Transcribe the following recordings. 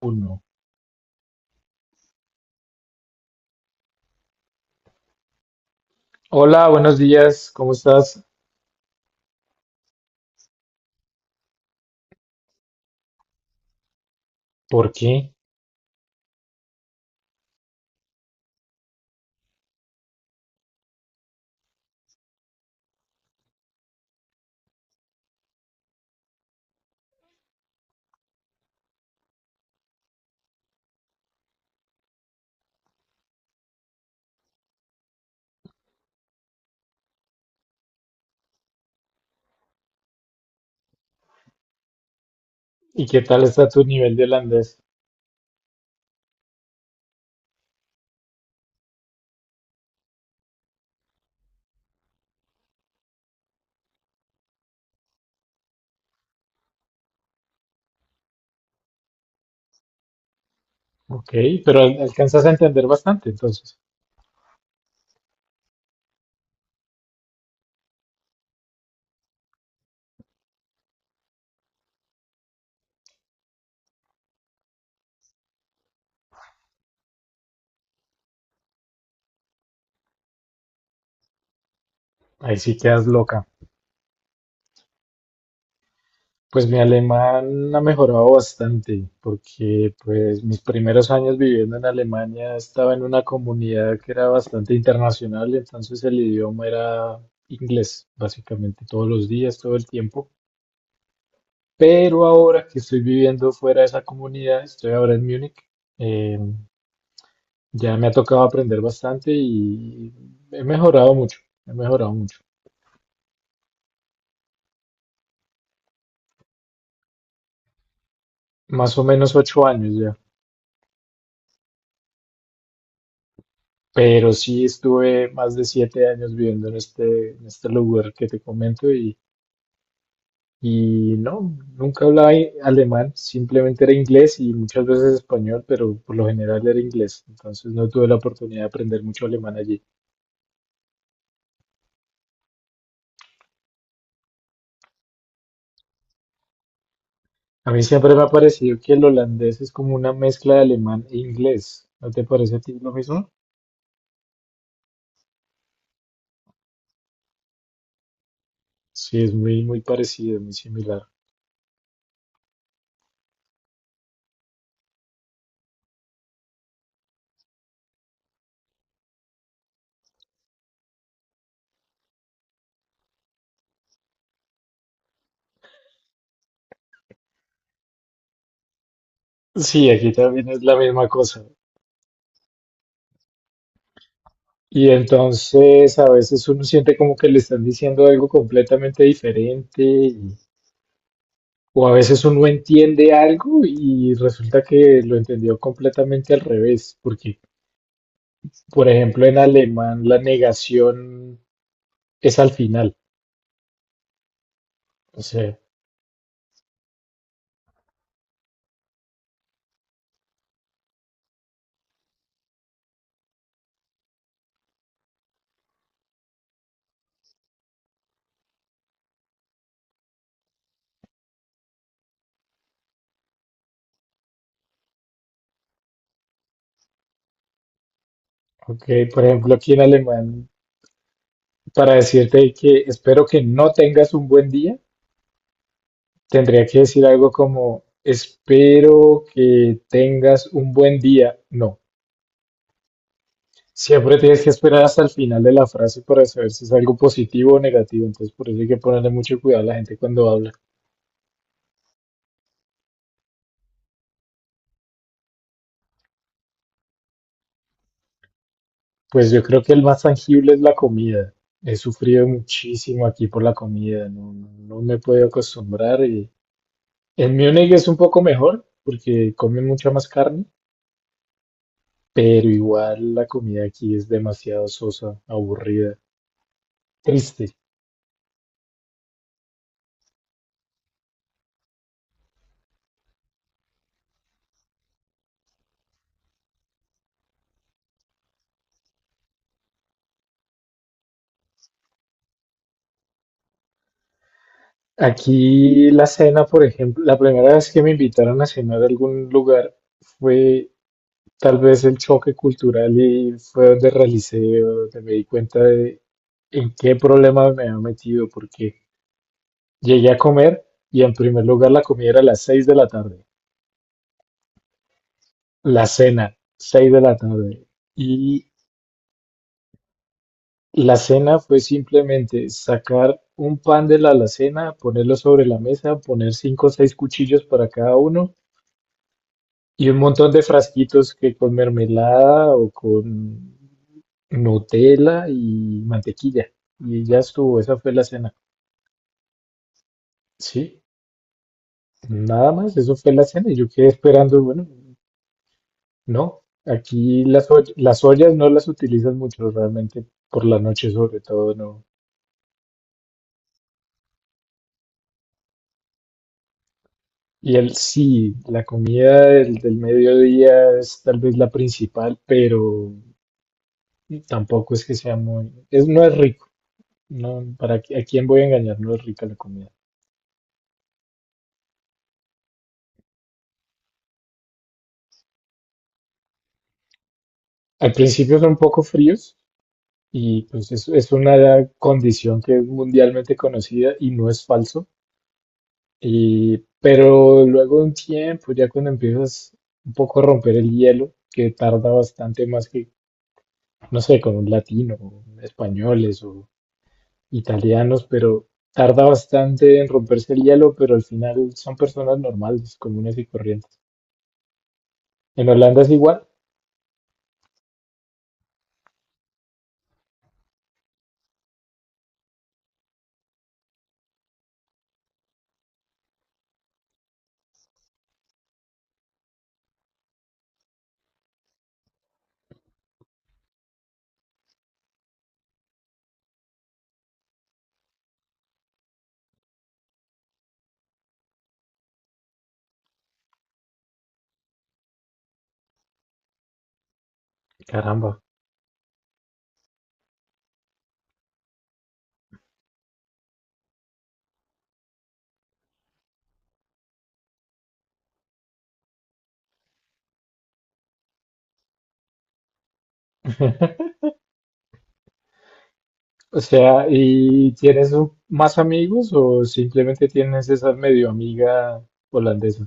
Uno. Hola, buenos días, ¿cómo estás? ¿Por qué? ¿Y qué tal está tu nivel de holandés? Ok, pero alcanzas a entender bastante, entonces. Ahí sí quedas loca. Pues mi alemán ha mejorado bastante, porque pues mis primeros años viviendo en Alemania estaba en una comunidad que era bastante internacional, entonces el idioma era inglés, básicamente todos los días, todo el tiempo. Pero ahora que estoy viviendo fuera de esa comunidad, estoy ahora en Múnich. em, Ya me ha tocado aprender bastante y he mejorado mucho, he mejorado mucho. Más o menos 8 años ya. Pero sí estuve más de 7 años viviendo en este lugar que te comento y no, nunca hablaba alemán, simplemente era inglés y muchas veces español, pero por lo general era inglés. Entonces no tuve la oportunidad de aprender mucho alemán allí. A mí siempre me ha parecido que el holandés es como una mezcla de alemán e inglés. ¿No te parece a ti lo mismo? Sí, es muy, muy parecido, muy similar. Sí, aquí también es la misma cosa. Y entonces a veces uno siente como que le están diciendo algo completamente diferente o a veces uno entiende algo y resulta que lo entendió completamente al revés, porque por ejemplo en alemán la negación es al final. O sea, ok, por ejemplo aquí en alemán para decirte que espero que no tengas un buen día, tendría que decir algo como espero que tengas un buen día. No. Siempre tienes que esperar hasta el final de la frase para saber si es algo positivo o negativo, entonces por eso hay que ponerle mucho cuidado a la gente cuando habla. Pues yo creo que el más tangible es la comida. He sufrido muchísimo aquí por la comida, no, no me he podido acostumbrar y en Múnich es un poco mejor porque comen mucha más carne, pero igual la comida aquí es demasiado sosa, aburrida, triste. Aquí la cena, por ejemplo, la primera vez que me invitaron a cenar a algún lugar fue tal vez el choque cultural y fue donde realicé, donde me di cuenta de en qué problema me había metido, porque llegué a comer y en primer lugar la comida era a las 6 de la tarde, la cena, 6 de la tarde. Y la cena fue simplemente sacar un pan de la alacena, ponerlo sobre la mesa, poner cinco o seis cuchillos para cada uno y un montón de frasquitos que con mermelada o con Nutella y mantequilla. Y ya estuvo, esa fue la cena. Sí, nada más, eso fue la cena. Y yo quedé esperando, bueno, no, aquí las, las ollas no las utilizan mucho realmente por la noche sobre todo, no. Y el sí, la comida del mediodía es tal vez la principal, pero tampoco es que sea muy, es, no es rico. No, para, ¿a quién voy a engañar? No es rica la comida. Al principio son poco fríos y pues es, una condición que es mundialmente conocida y no es falso. Y, pero luego de un tiempo, ya cuando empiezas un poco a romper el hielo, que tarda bastante más que, no sé, con un latino, o españoles o italianos, pero tarda bastante en romperse el hielo, pero al final son personas normales, comunes y corrientes. En Holanda es igual, caramba. O sea, ¿y tienes más amigos o simplemente tienes esa medio amiga holandesa?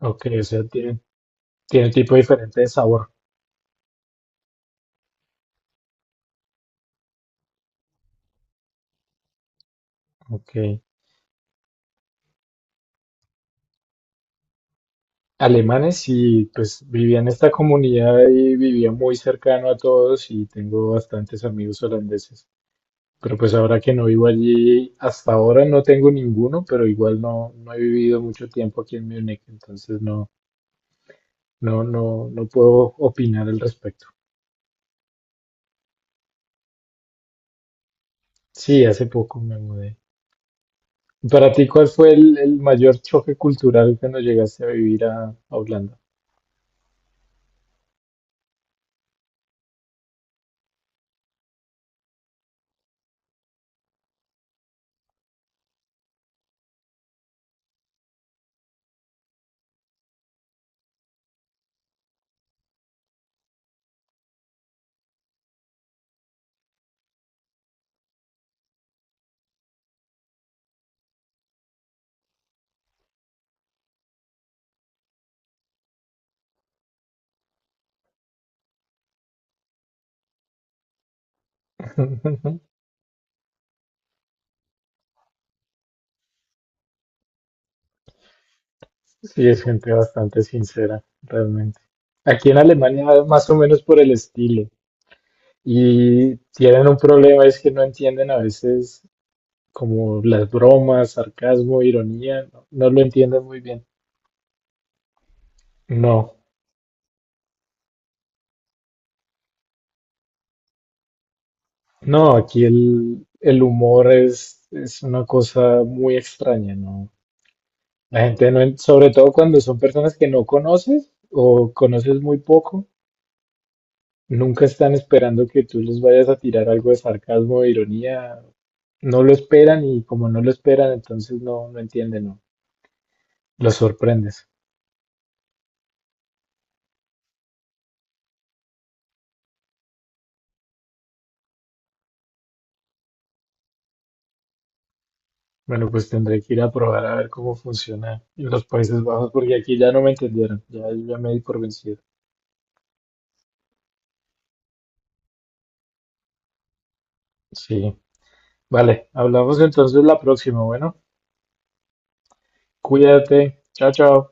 Ok, o sea, tiene tipo diferente de sabor. Ok. Alemanes y pues vivía en esta comunidad y vivía muy cercano a todos y tengo bastantes amigos holandeses. Pero pues ahora que no vivo allí, hasta ahora no tengo ninguno, pero igual no, no he vivido mucho tiempo aquí en Múnich, entonces no, no, no, no puedo opinar al respecto. Sí, hace poco me mudé. Para ti, ¿cuál fue el mayor choque cultural cuando llegaste a vivir a Holanda? Sí, es gente bastante sincera, realmente. Aquí en Alemania, más o menos por el estilo. Y tienen un problema, es que no entienden a veces como las bromas, sarcasmo, ironía, no, no lo entienden muy bien. No, no, aquí el humor es una cosa muy extraña, ¿no? La gente no, sobre todo cuando son personas que no conoces o conoces muy poco, nunca están esperando que tú les vayas a tirar algo de sarcasmo o ironía. No lo esperan y como no lo esperan, entonces no, no entienden, no. Los sorprendes. Bueno, pues tendré que ir a probar a ver cómo funciona en los Países Bajos porque aquí ya no me entendieron. Ya, ya me di por vencido. Sí. Vale, hablamos entonces la próxima. Bueno, cuídate. Chao, chao.